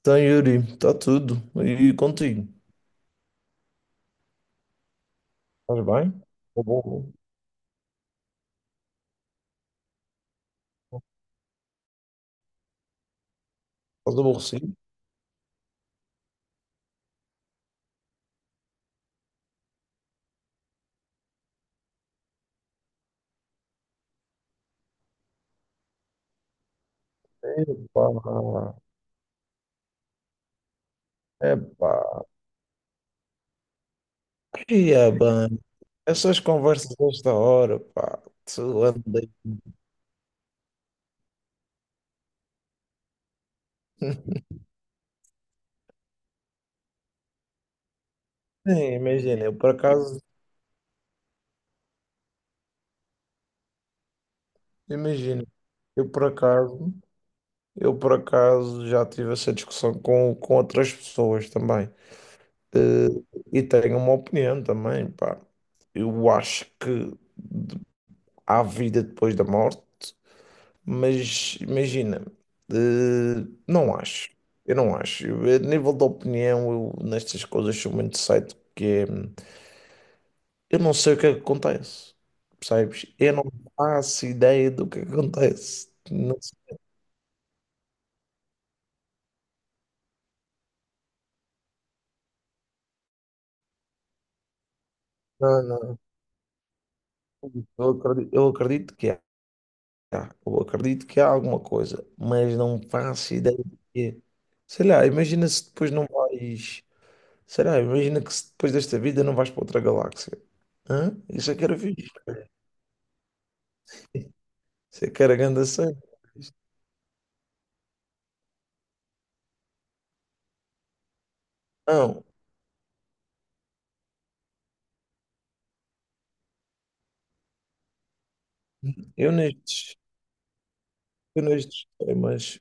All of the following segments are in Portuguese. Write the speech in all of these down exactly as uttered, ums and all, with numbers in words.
Então, Yuri, está tudo. E contigo? Faz bem? Tá bom. Estás aborrecido? Epá, epá. E é bem. Essas conversas desta hora, pá. Se andei. Nem Imagina, eu por acaso. Imagina, eu por acaso. Eu por acaso já tive essa discussão com, com outras pessoas também. Eh, E tenho uma opinião também, pá. Eu acho que há vida depois da morte. Mas imagina, eh, não acho. Eu não acho. Eu, a nível de opinião, eu, nestas coisas sou muito cedo, porque hum, eu não sei o que é que acontece. Percebes? Eu não faço ideia do que é que acontece. Não sei, não, não. Eu acredito, eu acredito que há. Eu acredito que há alguma coisa, mas não faço ideia do que é. Sei lá, imagina se depois não vais. Sei lá, imagina que se depois desta vida não vais para outra galáxia. Hã? Isso é que era fixe. Você quer a grande cena? Não, eu nestes, eu nestes temas,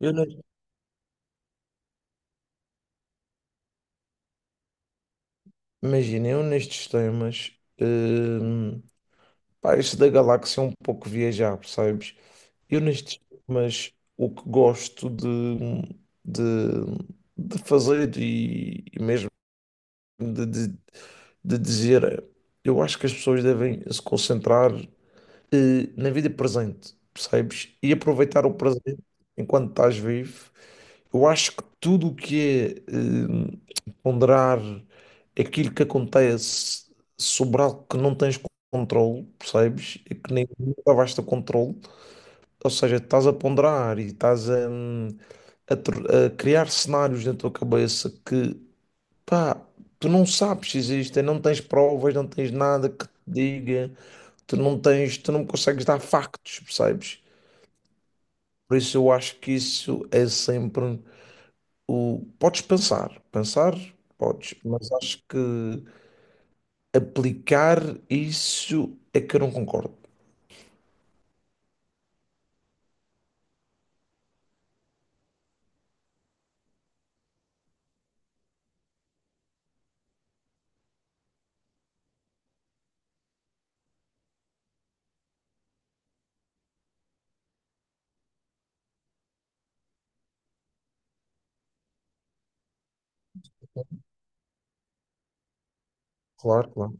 eu nes- imagina, eu nestes temas, hum, pá, este da galáxia é um pouco viajar, percebes? Eu nestes temas, o que gosto de, de, de fazer e, e mesmo de, de, de dizer, é, eu acho que as pessoas devem se concentrar eh, na vida presente, percebes? E aproveitar o presente enquanto estás vivo. Eu acho que tudo o que é eh, ponderar aquilo que acontece sobre algo que não tens controle, percebes? E que nem nunca vais ter controle. Ou seja, estás a ponderar e estás a, hum, a tr- a criar cenários na tua cabeça que, pá, tu não sabes se existem, não tens provas, não tens nada que te diga. Tu não tens, tu não consegues dar factos, percebes? Por isso eu acho que isso é sempre o. Podes pensar, pensar, podes, mas acho que aplicar isso é que eu não concordo. Claro, claro.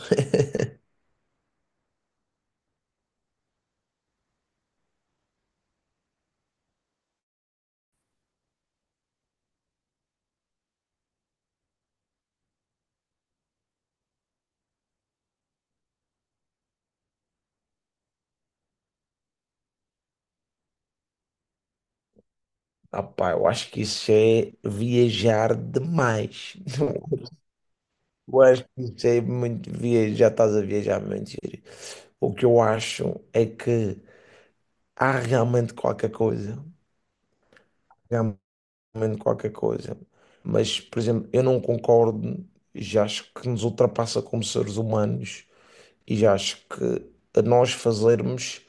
Ah, pá, eu acho que isso é viajar demais. Eu acho que isso é muito viajar, estás a viajar muito. O que eu acho é que há realmente qualquer coisa. Comendo qualquer coisa. Mas, por exemplo, eu não concordo, já acho que nos ultrapassa como seres humanos e já acho que a nós fazermos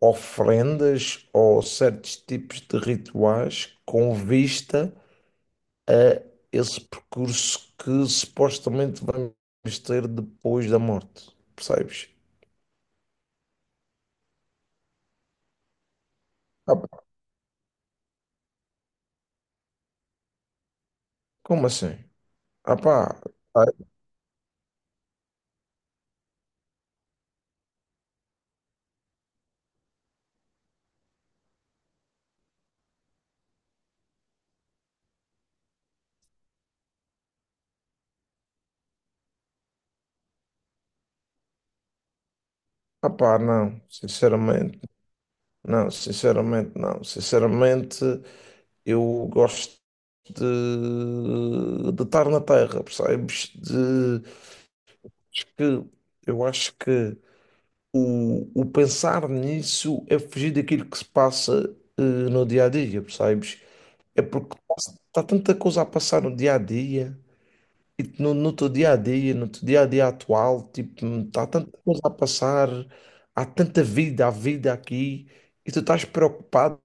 ofrendas ou certos tipos de rituais com vista a esse percurso que supostamente vamos ter depois da morte, percebes? Ah, pá, como assim? Ah pá, ah ah pá, não, sinceramente, não, sinceramente, não, sinceramente, eu gosto de, de estar na Terra, percebes? De, acho que, eu acho que o, o pensar nisso é fugir daquilo que se passa eh, no dia a dia, percebes? É porque está tanta coisa a passar no dia a dia, e tu no, no teu dia a dia, no teu dia a dia atual, tipo, está tanta coisa a passar, há tanta vida, há vida aqui, e tu estás preocupado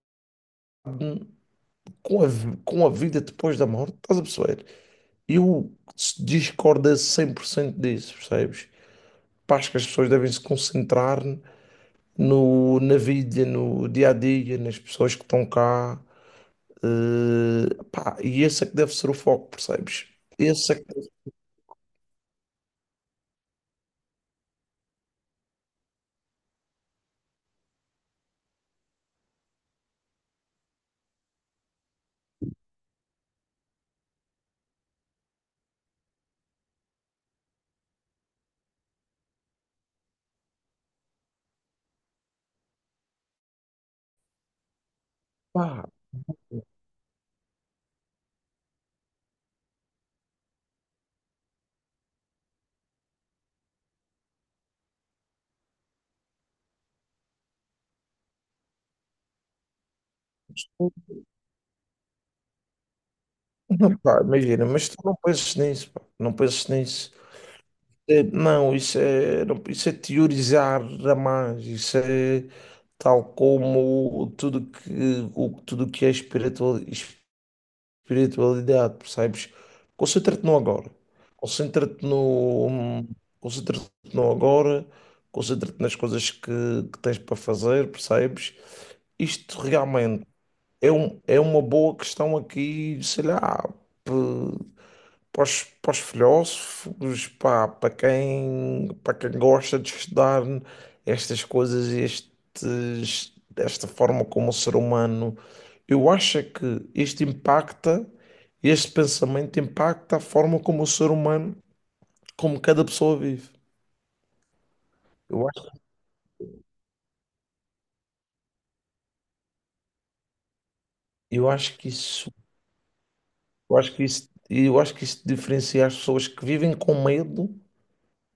com a, vi- com a vida depois da morte, estás a perceber? Eu discordo cem por cento disso, percebes? Pá, acho que as pessoas devem se concentrar no, na vida, no dia a dia, nas pessoas que estão cá. Eh, pá, e esse é que deve ser o foco, percebes? Esse é que deve, pá, não, pá, imagina, mas tu não penses nisso, pá, não penses nisso. Eh, Não, isso é, não- isso é teorizar a mais, isso é tal como tudo que, o, tudo que é espiritual, espiritualidade, percebes? Concentra-te no agora. Concentra-te no, concentra-te no agora, concentra-te nas coisas que, que tens para fazer, percebes? Isto realmente é, um, é uma boa questão aqui, sei lá, para os, para os filósofos, pá, para quem, para quem gosta de estudar estas coisas, estes, desta forma como o ser humano, eu acho é que isto impacta, este pensamento impacta a forma como o ser humano, como cada pessoa vive. Eu acho, eu acho que isso, eu acho que isso, eu acho que isso diferencia as pessoas que vivem com medo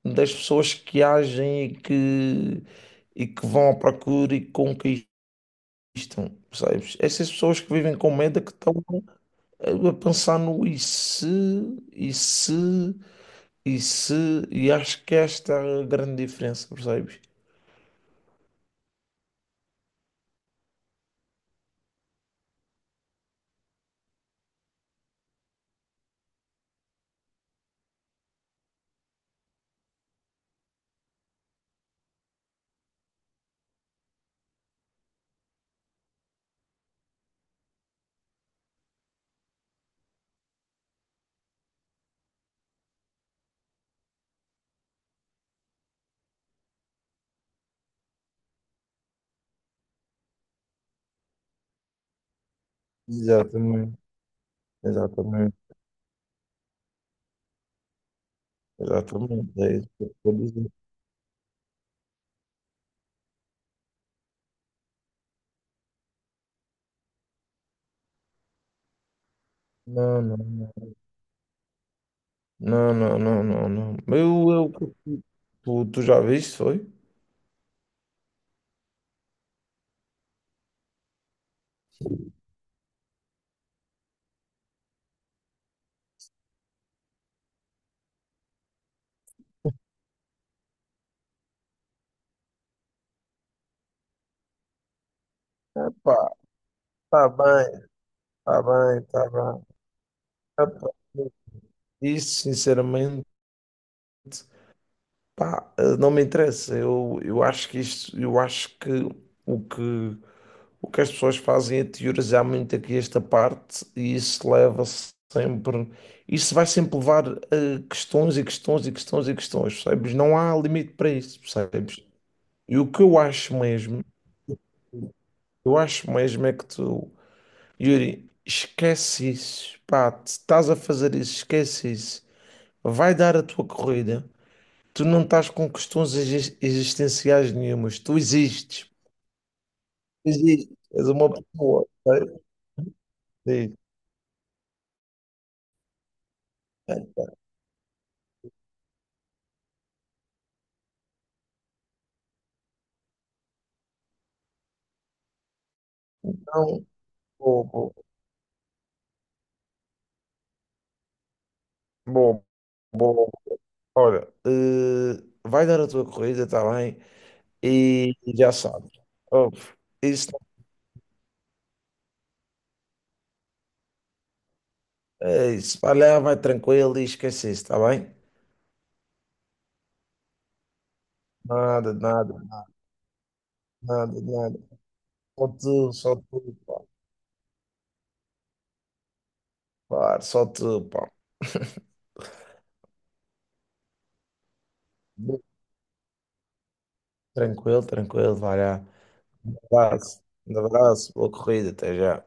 das pessoas que agem e que, e que vão à procura e conquistam. Existam, percebes? Essas pessoas que vivem com medo é que estão a a pensar no e se, e se, e se, e acho que esta é a grande diferença, percebes? Exatamente, exatamente, exatamente. É isso que eu estou a dizer. Não, não, não. Não, não, não, não, não. Eu, eu, tu, tu já viste, foi? Epá, tá bem, tá bem, tá bem. Epá, isso, sinceramente. Pá, eh, não me interessa. Eu, eu acho que isto, eu acho que o que, o que as pessoas fazem é teorizar muito aqui esta parte e isso leva sempre, isso vai sempre levar a questões e questões e questões e questões, percebes? Não há limite para isso, percebes? E o que eu acho mesmo, eu acho mesmo é que tu, Yuri, esquece isso, pá, te estás a fazer isso, esquece isso. Vai dar a tua corrida. Tu não estás com questões exis- existenciais nenhumas. Tu existes. Existes. És uma pessoa. Ok? Diz. Então, bom, bom, bom, bom. Olha, eh, vai dar a tua corrida, está bem? E já sabes. Oh, isso, eh, isso, vai lá, vai tranquilo e esquece isso, está bem? Nada, nada, nada, nada. Só tu, só tu, pá. Claro, só tu, pá. Tranquilo, tranquilo, vai lá. Um abraço, um abraço, boa corrida, até já.